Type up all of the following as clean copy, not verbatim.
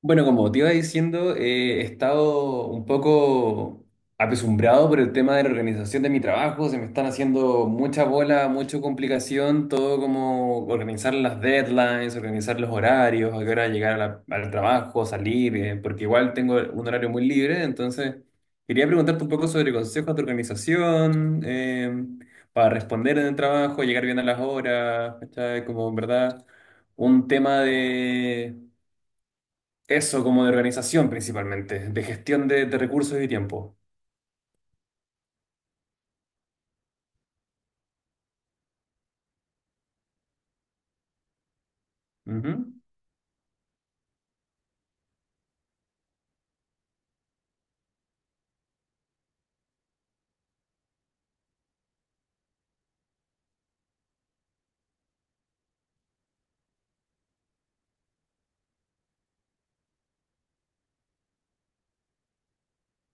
Bueno, como te iba diciendo, he estado un poco apesumbrado por el tema de la organización de mi trabajo. Se me están haciendo mucha bola, mucha complicación, todo como organizar las deadlines, organizar los horarios, a qué hora llegar al trabajo, salir, porque igual tengo un horario muy libre. Entonces, quería preguntarte un poco sobre consejos de organización, para responder en el trabajo, llegar bien a las horas, ¿cachai? Como en verdad un tema eso como de organización principalmente, de gestión de recursos y tiempo. Ujú.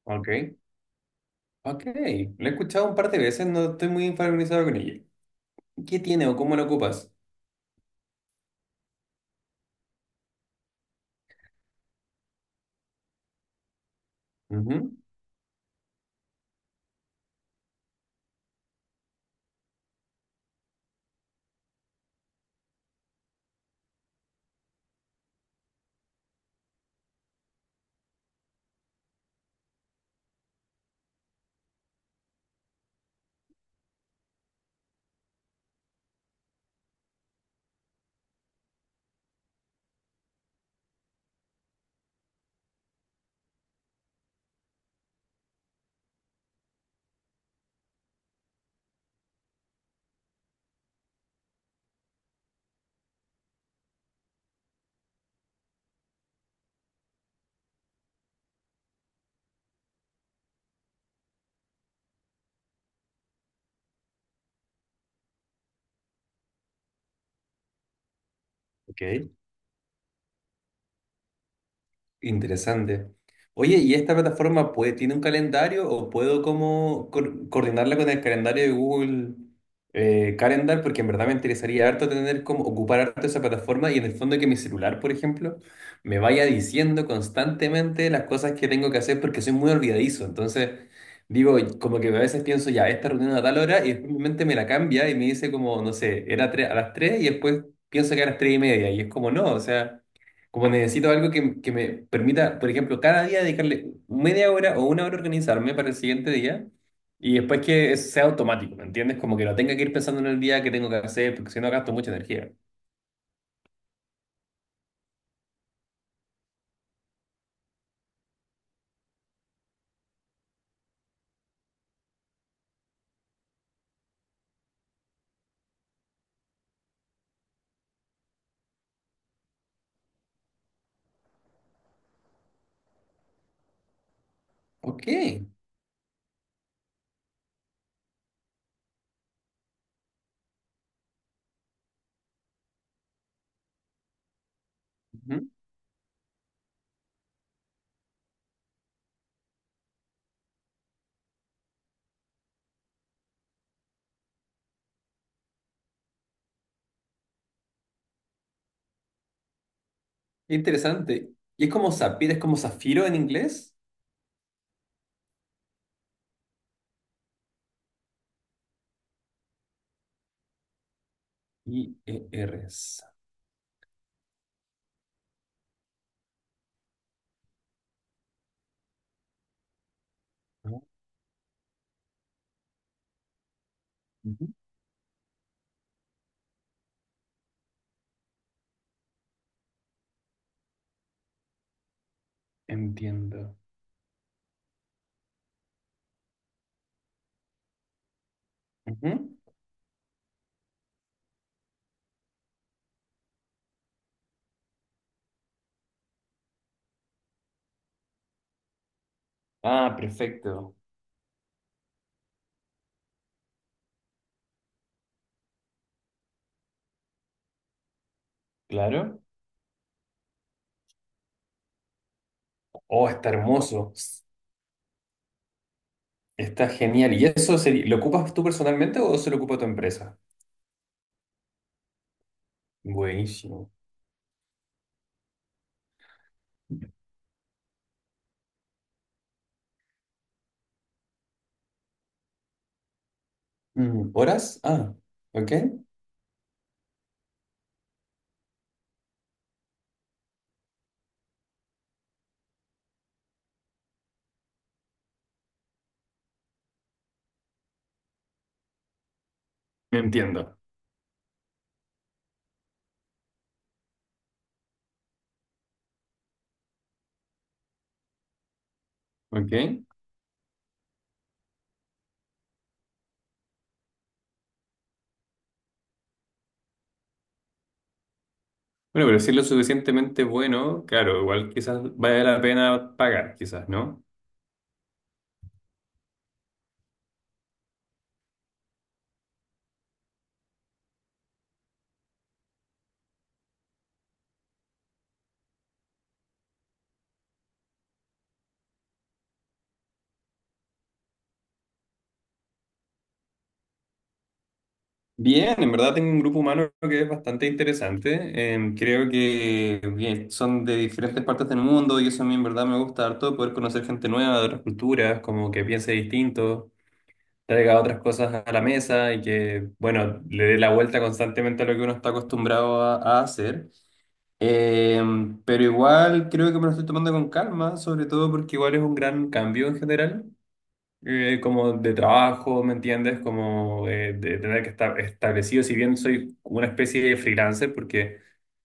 Ok, ok. Lo he escuchado un par de veces, no estoy muy familiarizado con ella. ¿Qué tiene o cómo lo ocupas? Ujú. Ok. Interesante. Oye, ¿y esta plataforma puede, tiene un calendario o puedo como coordinarla con el calendario de Google Calendar? Porque en verdad me interesaría harto tener como ocupar harto esa plataforma y en el fondo que mi celular, por ejemplo, me vaya diciendo constantemente las cosas que tengo que hacer porque soy muy olvidadizo. Entonces, digo, como que a veces pienso ya, esta reunión a tal hora y después mi mente me la cambia y me dice como, no sé, a las 3 y después pienso que a las 3 y media y es como no, o sea. Como necesito algo que me permita, por ejemplo, cada día dedicarle media hora o una hora a organizarme para el siguiente día y después que sea automático, ¿me entiendes? Como que no tenga que ir pensando en el día que tengo que hacer, porque si no gasto mucha energía. Ok, ujú. Interesante. ¿Y es como Zafir, es como zafiro en inglés? Y E r s. Ujú. Entiendo. Ujú. Ah, perfecto. Claro. Oh, está hermoso. Está genial. ¿Y eso lo ocupas tú personalmente o se lo ocupa tu empresa? Buenísimo. Mm, ¿horas? Ah, ok. Entiendo. Ok. Bueno, pero si es lo suficientemente bueno, claro, igual quizás vale la pena pagar, quizás, ¿no? Bien, en verdad tengo un grupo humano que es bastante interesante. Creo que bien, son de diferentes partes del mundo y eso a mí en verdad me gusta harto, poder conocer gente nueva de otras culturas, como que piense distinto, traiga otras cosas a la mesa y que, bueno, le dé la vuelta constantemente a lo que uno está acostumbrado a hacer. Pero igual creo que me lo estoy tomando con calma, sobre todo porque igual es un gran cambio en general, como de trabajo, ¿me entiendes? Como de tener que estar establecido, si bien soy una especie de freelancer, porque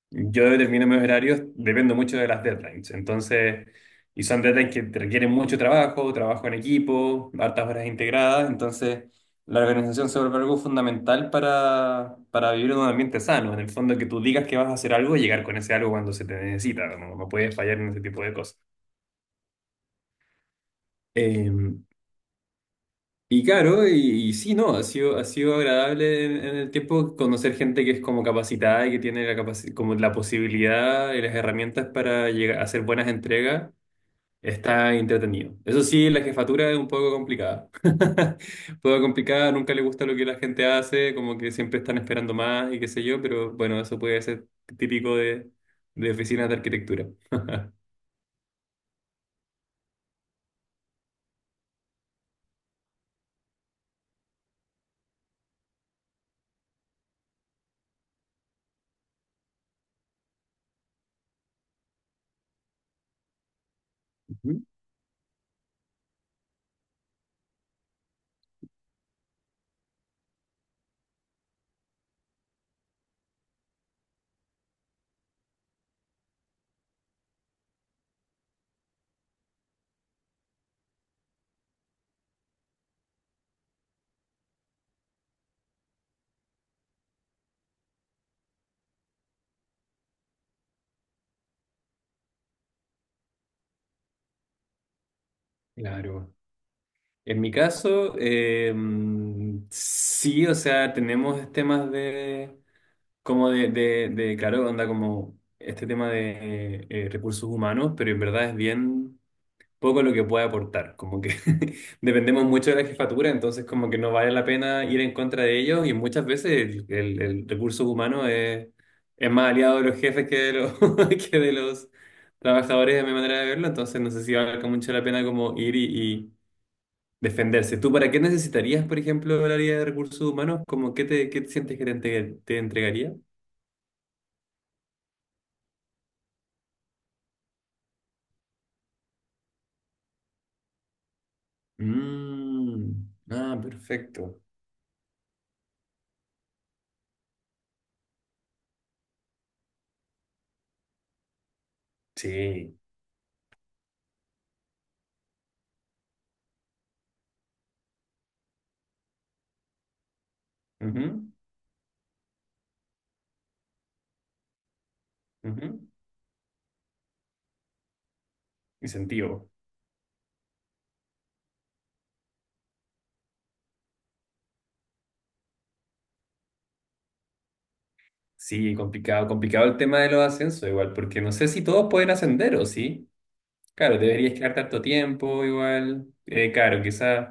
yo determino mis horarios, dependo mucho de las deadlines. Entonces, y son deadlines que te requieren mucho trabajo, trabajo en equipo, hartas horas integradas. Entonces, la organización se vuelve algo fundamental para vivir en un ambiente sano. En el fondo, que tú digas que vas a hacer algo y llegar con ese algo cuando se te necesita. No, no puedes fallar en ese tipo de cosas. Eh, Y claro, y sí, no, ha sido agradable en el tiempo conocer gente que es como capacitada y que tiene como la posibilidad y las herramientas para llegar a hacer buenas entregas, está entretenido. Eso sí, la jefatura es un poco complicada. Un poco complicada, nunca le gusta lo que la gente hace, como que siempre están esperando más y qué sé yo, pero bueno, eso puede ser típico de, oficinas de arquitectura. Ujú. Claro. En mi caso, sí, o sea, tenemos temas de, como de, claro, onda como este tema de recursos humanos, pero en verdad es bien poco lo que puede aportar, como que dependemos mucho de la jefatura, entonces como que no vale la pena ir en contra de ellos y muchas veces el recurso humano es más aliado de los jefes que de los, que de los trabajadores, de mi manera de verlo, entonces no sé si valga mucho la pena como ir y y- defenderse. ¿Tú para qué necesitarías, por ejemplo, el área de recursos humanos? ¿Cómo qué te sientes que te entregaría? Mm, ah, perfecto. Sí. Ujú, ujú. Incentivo. Sí, complicado, complicado el tema de los ascensos, igual, porque no sé si todos pueden ascender o sí. Claro, deberías quedar tanto tiempo, igual. Claro, quizás.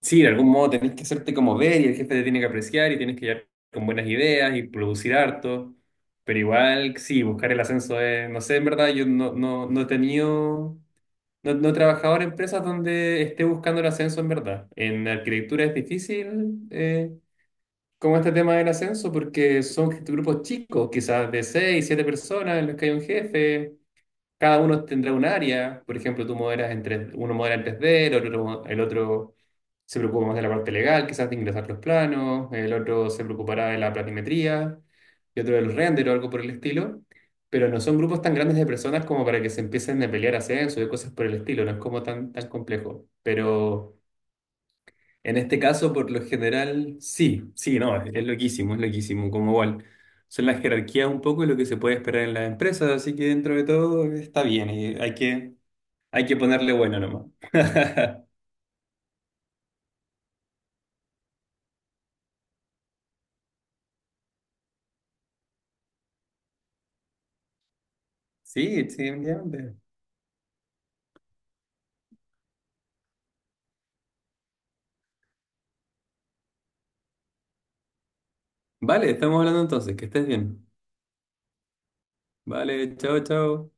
Sí, de algún modo tenés que hacerte como ver y el jefe te tiene que apreciar y tienes que llegar con buenas ideas y producir harto. Pero igual, sí, buscar el ascenso es, no sé, en verdad, yo no he tenido, no he trabajado en empresas donde esté buscando el ascenso en verdad. En arquitectura es difícil como este tema del ascenso porque son grupos chicos, quizás de seis, siete personas en los que hay un jefe. Cada uno tendrá un área, por ejemplo, tú moderas en 3, uno modera en 3D, el otro se preocupa más de la parte legal, quizás de ingresar los planos, el otro se preocupará de la planimetría y otro del render o algo por el estilo, pero no son grupos tan grandes de personas como para que se empiecen a pelear ascenso y cosas por el estilo, no es como tan, tan complejo. Pero en este caso, por lo general, sí, sí, no, es loquísimo, es loquísimo, como igual. Son las jerarquías un poco y lo que se puede esperar en las empresas, así que dentro de todo está bien y hay que ponerle bueno nomás. Sí, sí, definitivamente. Vale, estamos hablando entonces, que estés bien. Vale, chao, chao.